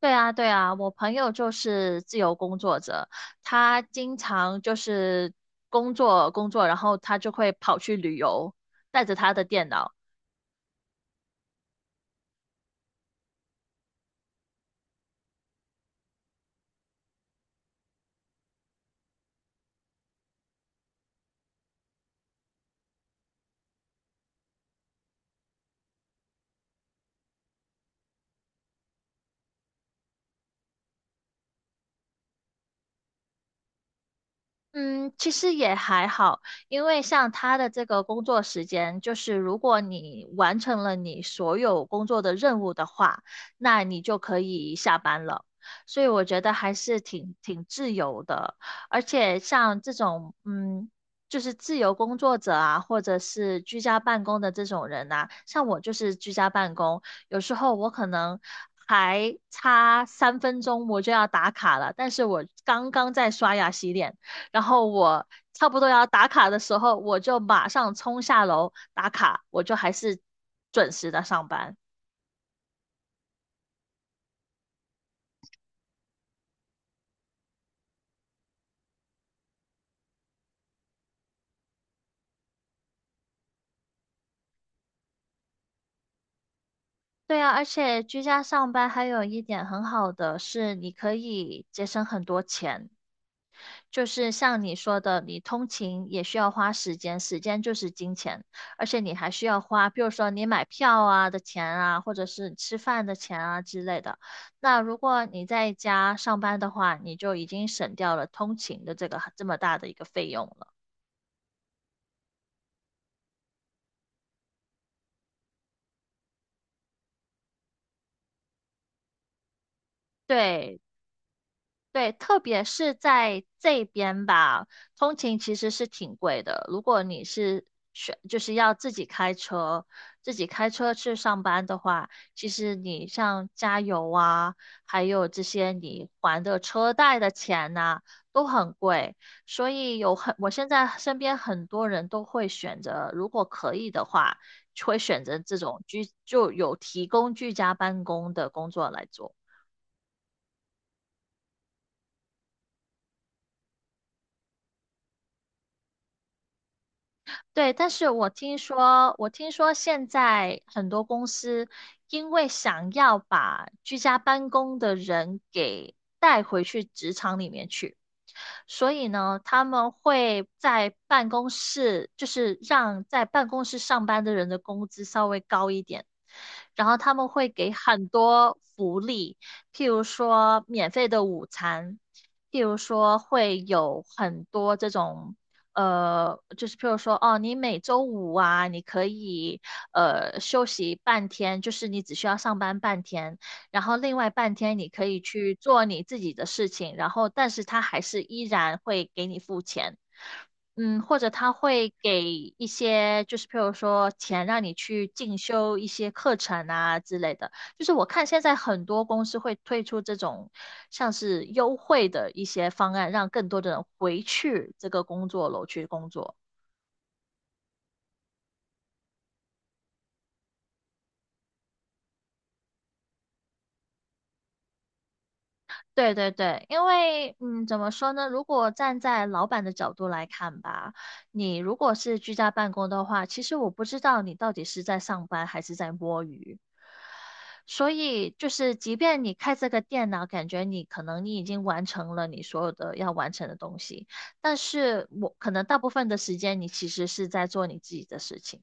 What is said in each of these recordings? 对啊，对啊，我朋友就是自由工作者，他经常就是工作工作，然后他就会跑去旅游，带着他的电脑。嗯，其实也还好，因为像他的这个工作时间，就是如果你完成了你所有工作的任务的话，那你就可以下班了。所以我觉得还是挺自由的，而且像这种就是自由工作者啊，或者是居家办公的这种人呐、像我就是居家办公，有时候我可能。还差3分钟我就要打卡了，但是我刚刚在刷牙洗脸，然后我差不多要打卡的时候，我就马上冲下楼打卡，我就还是准时的上班。对啊，而且居家上班还有一点很好的是，你可以节省很多钱。就是像你说的，你通勤也需要花时间，时间就是金钱，而且你还需要花，比如说你买票啊的钱啊，或者是吃饭的钱啊之类的。那如果你在家上班的话，你就已经省掉了通勤的这个这么大的一个费用了。对，对，特别是在这边吧，通勤其实是挺贵的。如果你是选，就是要自己开车去上班的话，其实你像加油啊，还有这些你还的车贷的钱呐、都很贵。所以我现在身边很多人都会选择，如果可以的话，会选择这种居，就有提供居家办公的工作来做。对，但是我听说现在很多公司因为想要把居家办公的人给带回去职场里面去。所以呢，他们会在办公室，就是让在办公室上班的人的工资稍微高一点，然后他们会给很多福利，譬如说免费的午餐，譬如说会有很多这种。就是譬如说，哦，你每周五啊，你可以休息半天，就是你只需要上班半天，然后另外半天你可以去做你自己的事情，然后但是他还是依然会给你付钱，或者他会给一些就是譬如说钱让你去进修一些课程啊之类的，就是我看现在很多公司会推出这种像是优惠的一些方案，让更多的人回去这个工作楼去工作。对对对，因为怎么说呢？如果站在老板的角度来看吧，你如果是居家办公的话，其实我不知道你到底是在上班还是在摸鱼。所以就是，即便你开这个电脑，感觉你可能你已经完成了你所有的要完成的东西，但是我可能大部分的时间你其实是在做你自己的事情。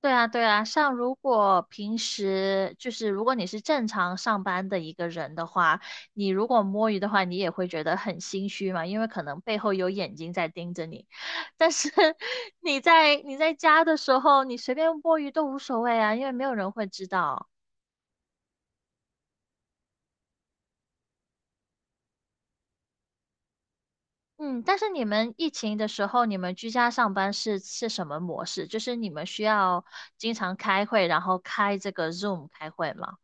对啊，对啊，像如果平时就是如果你是正常上班的一个人的话，你如果摸鱼的话，你也会觉得很心虚嘛，因为可能背后有眼睛在盯着你。但是 你在家的时候，你随便摸鱼都无所谓啊，因为没有人会知道。嗯，但是你们疫情的时候，你们居家上班是什么模式？就是你们需要经常开会，然后开这个 Zoom 开会吗？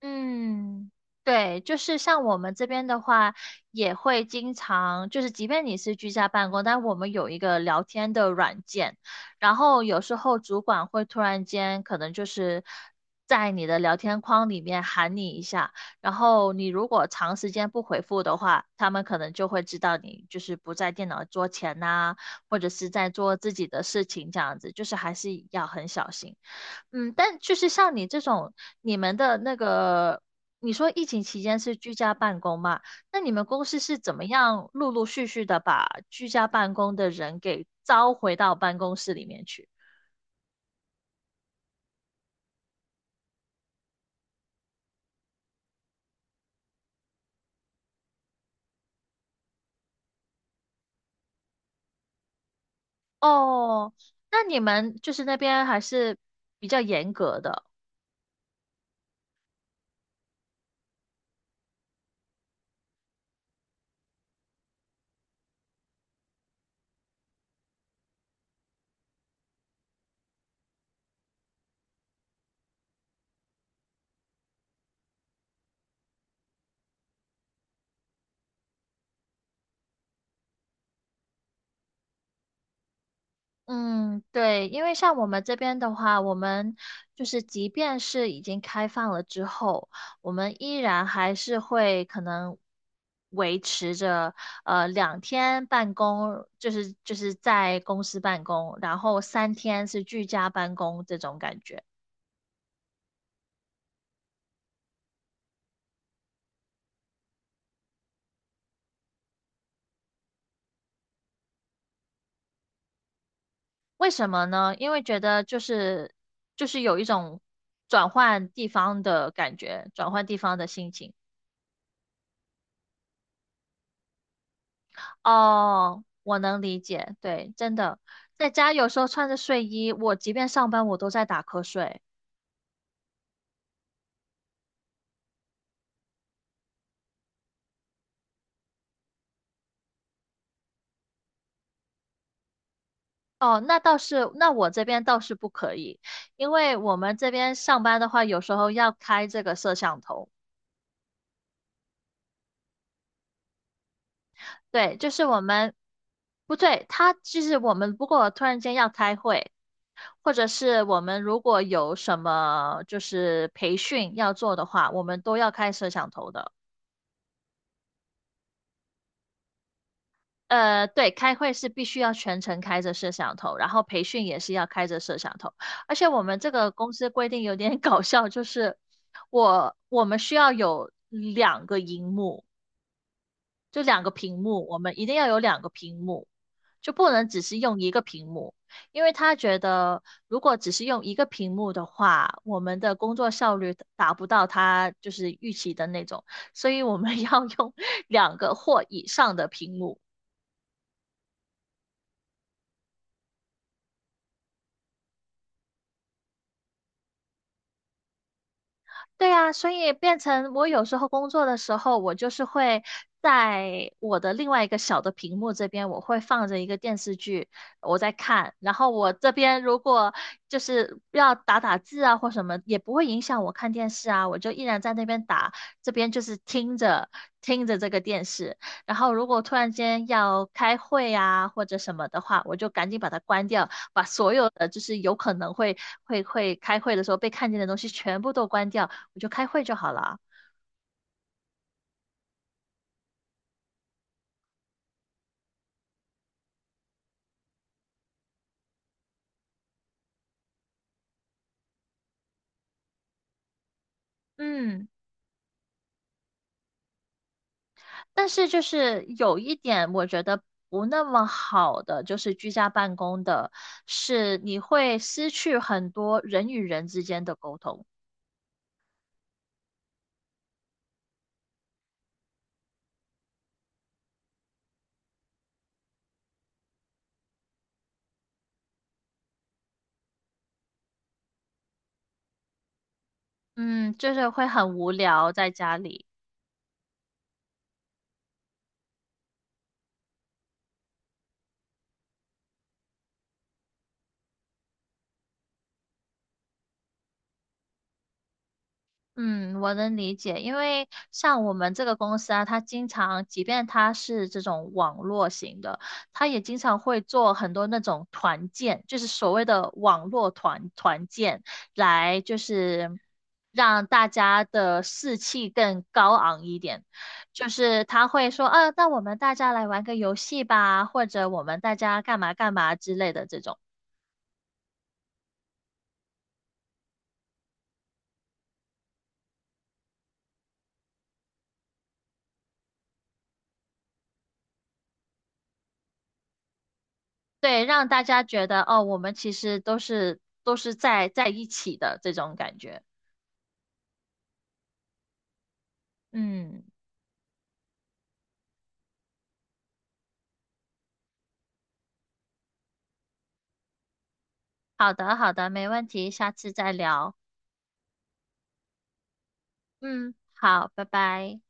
嗯，对，就是像我们这边的话，也会经常，就是即便你是居家办公，但我们有一个聊天的软件，然后有时候主管会突然间可能就是在你的聊天框里面喊你一下，然后你如果长时间不回复的话，他们可能就会知道你就是不在电脑桌前呐，或者是在做自己的事情这样子，就是还是要很小心。但就是像你这种，你们的那个，你说疫情期间是居家办公嘛？那你们公司是怎么样陆陆续续的把居家办公的人给招回到办公室里面去？哦，那你们就是那边还是比较严格的。嗯，对，因为像我们这边的话，我们就是即便是已经开放了之后，我们依然还是会可能维持着2天办公，就是在公司办公，然后3天是居家办公这种感觉。为什么呢？因为觉得就是有一种转换地方的感觉，转换地方的心情。哦，我能理解，对，真的，在家有时候穿着睡衣，我即便上班，我都在打瞌睡。哦，那倒是，那我这边倒是不可以，因为我们这边上班的话，有时候要开这个摄像头。对，就是我们，不对，他就是我们，如果突然间要开会，或者是我们如果有什么就是培训要做的话，我们都要开摄像头的。对，开会是必须要全程开着摄像头，然后培训也是要开着摄像头。而且我们这个公司规定有点 搞笑，就是我们需要有2个荧幕，就两个屏幕，我们一定要有两个屏幕，就不能只是用一个屏幕，因为他觉得如果只是用一个屏幕的话，我们的工作效率达不到他就是预期的那种，所以我们 要用2个或以上的屏幕。对啊，所以变成我有时候工作的时候，我就是会在我的另外一个小的屏幕这边，我会放着一个电视剧，我在看。然后我这边如果就是要打打字啊或什么，也不会影响我看电视啊，我就依然在那边打，这边就是听着听着这个电视。然后如果突然间要开会啊，或者什么的话，我就赶紧把它关掉，把所有的就是有可能会开会的时候被看见的东西全部都关掉，我就开会就好了。嗯，但是就是有一点，我觉得不那么好的，就是居家办公的，是你会失去很多人与人之间的沟通。嗯，就是会很无聊在家里。嗯，我能理解，因为像我们这个公司啊，它经常，即便它是这种网络型的，它也经常会做很多那种团建，就是所谓的网络团建，来就是让大家的士气更高昂一点。就是他会说，啊，那我们大家来玩个游戏吧，或者我们大家干嘛干嘛之类的这种。对，让大家觉得哦，我们其实都是在一起的这种感觉。嗯，好的，好的，没问题，下次再聊。嗯，好，拜拜。